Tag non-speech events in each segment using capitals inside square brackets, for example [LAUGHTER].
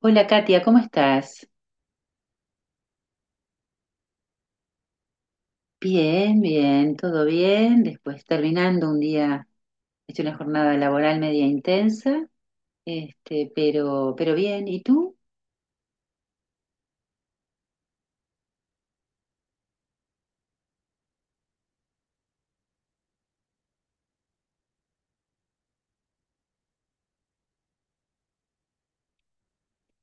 Hola Katia, ¿cómo estás? Bien, bien, todo bien. Después terminando un día, he hecho una jornada laboral media intensa, pero bien. ¿Y tú?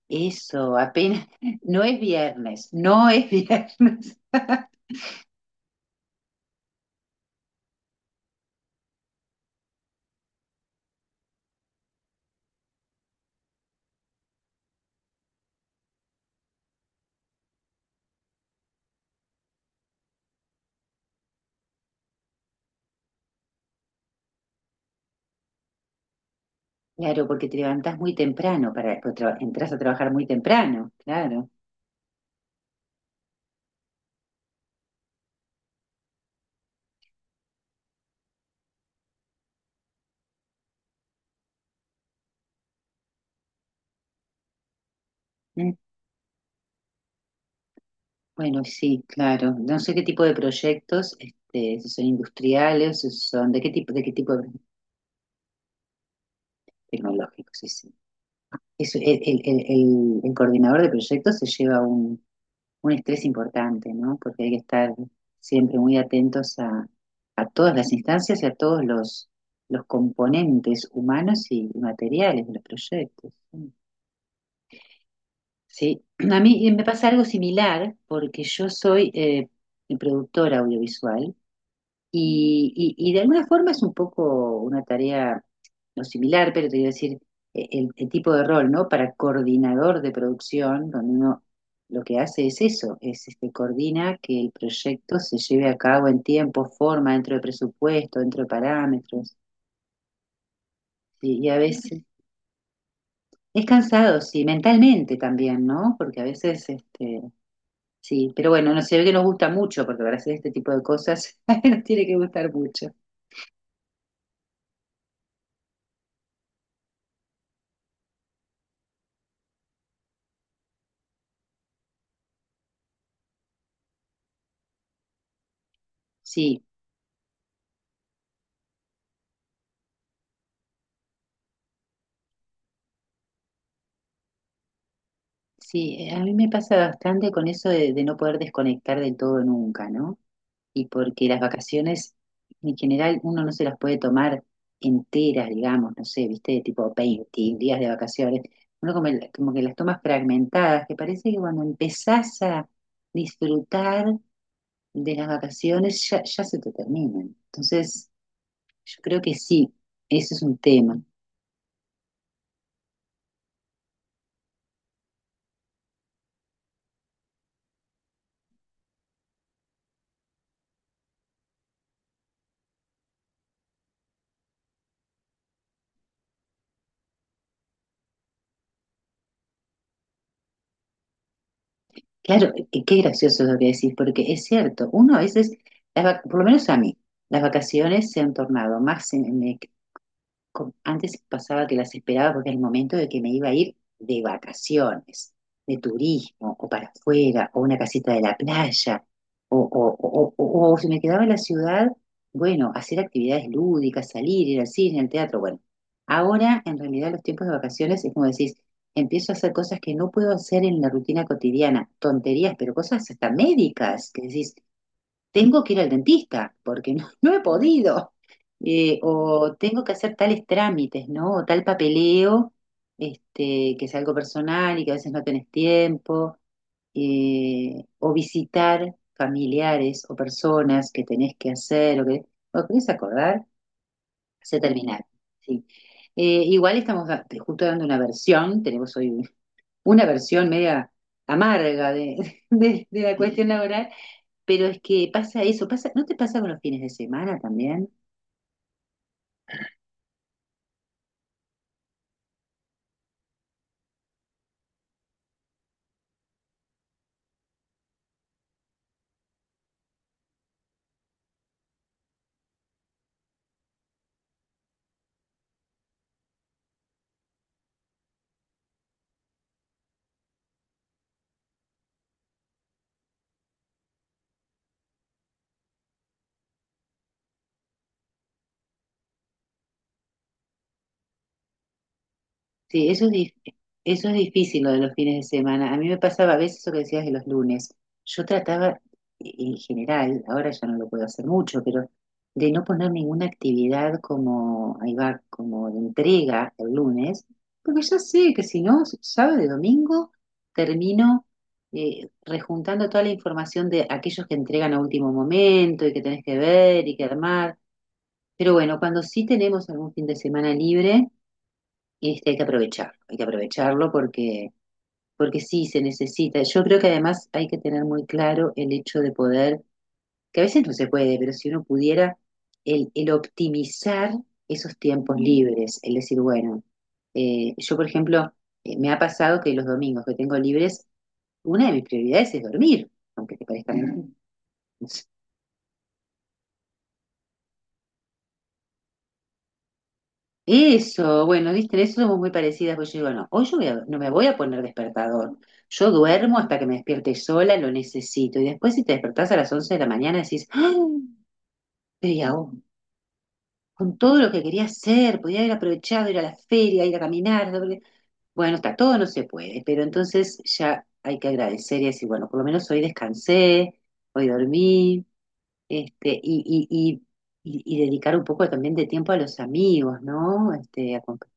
Eso, apenas. [LAUGHS] No es viernes, no es viernes. [LAUGHS] Claro, porque te levantás muy temprano, porque entras a trabajar muy temprano, claro. Mm, Bueno, sí, claro. No sé qué tipo de proyectos, si son industriales, si son, de qué tipo de tecnológicos, sí, sí. El coordinador de proyectos se lleva un estrés importante, ¿no? Porque hay que estar siempre muy atentos a todas las instancias y a todos los componentes humanos y materiales de los proyectos. Sí, [CLEARS THROAT] a mí me pasa algo similar porque yo soy productora audiovisual y, y de alguna forma es un poco una tarea no similar, pero te iba a decir el tipo de rol, ¿no? Para coordinador de producción, donde uno lo que hace es eso, es coordina que el proyecto se lleve a cabo en tiempo, forma, dentro de presupuesto, dentro de parámetros. Y a veces es cansado, sí, mentalmente también, ¿no? Porque a veces, sí, pero bueno, no se ve que nos gusta mucho, porque para hacer este tipo de cosas [LAUGHS] nos tiene que gustar mucho. Sí. Sí, a mí me pasa bastante con eso de no poder desconectar del todo nunca, ¿no? Y porque las vacaciones en general uno no se las puede tomar enteras, digamos, no sé, viste, tipo 20 días de vacaciones. Uno como, como que las tomas fragmentadas, que parece que cuando empezás a disfrutar de las vacaciones ya, ya se te terminan. Entonces, yo creo que sí, eso es un tema. Claro, qué gracioso lo que decís, porque es cierto, uno a veces, por lo menos a mí, las vacaciones se han tornado más como antes pasaba que las esperaba porque era el momento de que me iba a ir de vacaciones, de turismo, o para afuera, o una casita de la playa, o si me quedaba en la ciudad, bueno, hacer actividades lúdicas, salir, ir al cine, al teatro, bueno. Ahora, en realidad, los tiempos de vacaciones es como decís, empiezo a hacer cosas que no puedo hacer en la rutina cotidiana, tonterías, pero cosas hasta médicas, que decís, tengo que ir al dentista porque [LAUGHS] no he podido, o tengo que hacer tales trámites, ¿no? O tal papeleo, que es algo personal y que a veces no tenés tiempo, o visitar familiares o personas que tenés que hacer, o que, o querés acordar, se terminar, ¿sí? Igual estamos justo dando una versión, tenemos hoy una versión media amarga [LAUGHS] de la cuestión laboral, pero es que pasa eso, pasa, ¿no te pasa con los fines de semana también? Sí, eso es difícil lo de los fines de semana. A mí me pasaba a veces eso que decías de los lunes. Yo trataba, en general, ahora ya no lo puedo hacer mucho, pero de no poner ninguna actividad como, ahí va, como de entrega el lunes, porque ya sé que si no, sábado y domingo termino rejuntando toda la información de aquellos que entregan a último momento y que tenés que ver y que armar. Pero bueno, cuando sí tenemos algún fin de semana libre, hay que aprovecharlo porque sí se necesita. Yo creo que además hay que tener muy claro el hecho de poder, que a veces no se puede, pero si uno pudiera, el optimizar esos tiempos libres, el decir, bueno, yo por ejemplo, me ha pasado que los domingos que tengo libres, una de mis prioridades es dormir, aunque te parezca mentira. [LAUGHS] Eso, bueno, viste, en eso somos muy parecidas, porque yo digo, no, hoy no me voy a poner despertador. Yo duermo hasta que me despierte sola, lo necesito. Y después si te despertás a las 11 de la mañana decís, ¡ay! Pero y aún, con todo lo que quería hacer, podía haber aprovechado ir a la feria, ir a caminar. Bueno, está todo, no se puede, pero entonces ya hay que agradecer y decir, bueno, por lo menos hoy descansé, hoy dormí, este, y, y, y dedicar un poco también de tiempo a los amigos, ¿no? Este, a compartir.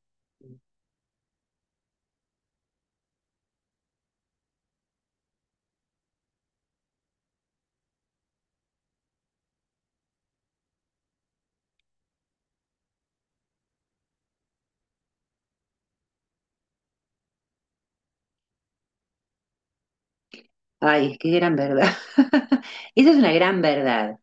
Ay, qué gran verdad. [LAUGHS] Esa es una gran verdad.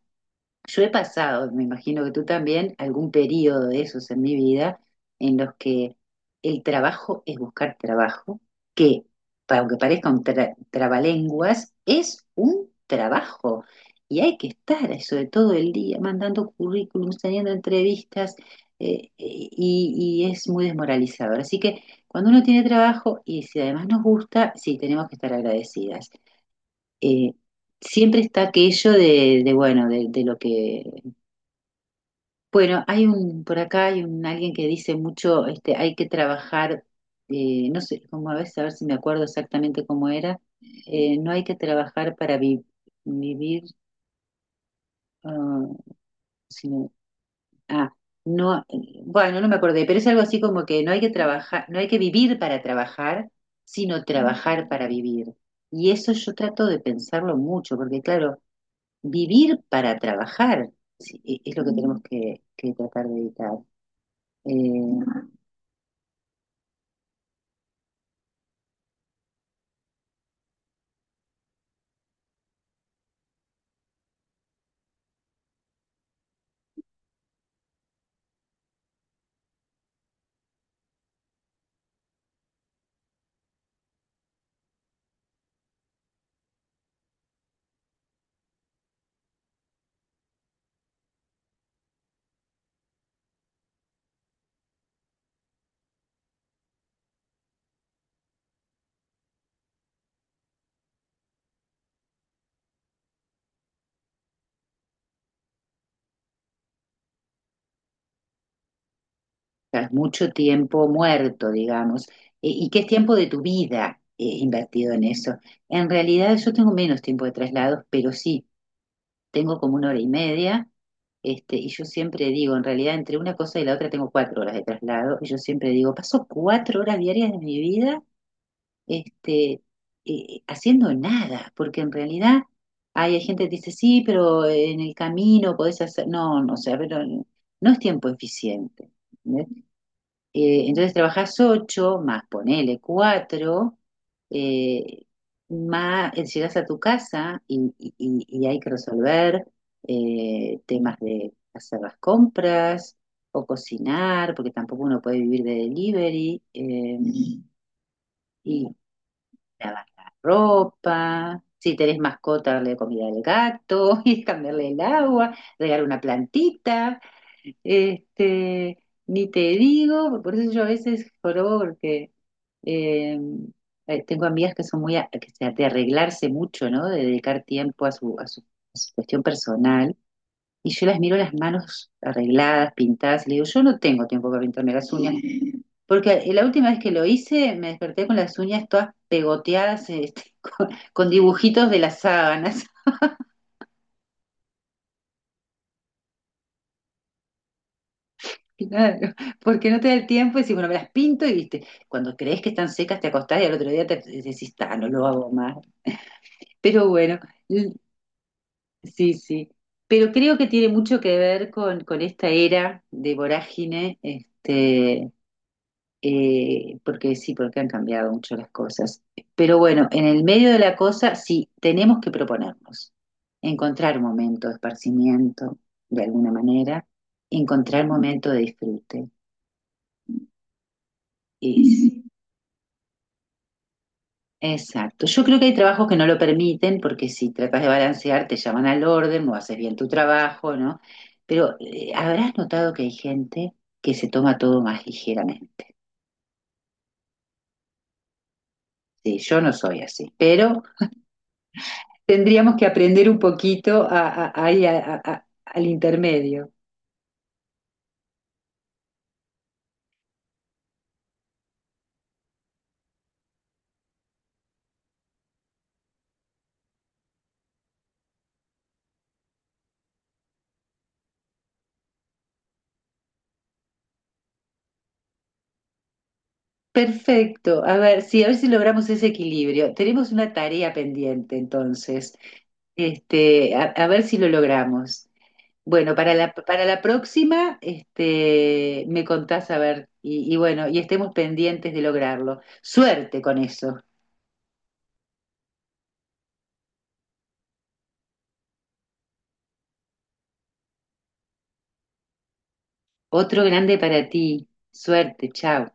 Yo he pasado, me imagino que tú también, algún periodo de esos en mi vida en los que el trabajo es buscar trabajo, que, aunque parezca un trabalenguas, es un trabajo. Y hay que estar eso de todo el día, mandando currículums, teniendo entrevistas, y es muy desmoralizador. Así que cuando uno tiene trabajo y si además nos gusta, sí, tenemos que estar agradecidas. eh, Siempre está aquello bueno, de lo que... Bueno, hay un, por acá hay un, alguien que dice mucho, hay que trabajar, no sé, como a veces, a ver si me acuerdo exactamente cómo era, no hay que trabajar para vivir, ah, sino, ah, no, bueno, no me acordé, pero es algo así como que no hay que trabajar, no hay que vivir para trabajar, sino trabajar para vivir. Y eso yo trato de pensarlo mucho, porque claro, vivir para trabajar, sí, es lo que tenemos que tratar de evitar. Eh, tras mucho tiempo muerto, digamos, y qué es tiempo de tu vida invertido en eso. En realidad yo tengo menos tiempo de traslados, pero sí, tengo como una hora y media, y yo siempre digo, en realidad entre una cosa y la otra tengo 4 horas de traslado, y yo siempre digo, paso 4 horas diarias de mi vida este, haciendo nada, porque en realidad hay gente que dice, sí, pero en el camino podés hacer, no, no, o sea, pero no es tiempo eficiente. ¿Entendés? Entonces trabajás ocho, más ponele cuatro, eh, más llegás a tu casa y, y hay que resolver temas de hacer las compras o cocinar, porque tampoco uno puede vivir de delivery. Y, lavar la ropa, si tenés mascota, darle comida al gato, [LAUGHS] y cambiarle el agua, regar una plantita, este, ni te digo, por eso yo a veces jorobo porque eh, tengo amigas que son muy a- que se- de arreglarse mucho, ¿no? De dedicar tiempo a su cuestión personal. Y yo las miro las manos arregladas, pintadas, y le digo, yo no tengo tiempo para pintarme las uñas, porque la última vez que lo hice me desperté con las uñas todas pegoteadas, [LAUGHS] con dibujitos de las sábanas. [LAUGHS] Claro, porque no te da el tiempo y decís, bueno, me las pinto y viste, cuando crees que están secas te acostás y al otro día te decís, ah, no lo hago más. Pero bueno, l- sí, sí. Pero creo que tiene mucho que ver con esta era de vorágine, porque sí, porque han cambiado mucho las cosas. Pero bueno, en el medio de la cosa sí tenemos que proponernos, encontrar un momento de esparcimiento, de alguna manera, encontrar un momento de disfrute. Y sí, [LAUGHS] exacto. Yo creo que hay trabajos que no lo permiten, porque si tratas de balancear, te llaman al orden, no haces bien tu trabajo, ¿no? Pero habrás notado que hay gente que se toma todo más ligeramente. Sí, yo no soy así, pero tendríamos que aprender un poquito ahí al intermedio. Perfecto. A ver, sí, a ver si logramos ese equilibrio. Tenemos una tarea pendiente, entonces. A a ver si lo logramos. Bueno, para la próxima, me contás a ver, y, bueno, y estemos pendientes de lograrlo. Suerte con eso. Otro grande para ti. Suerte, chao.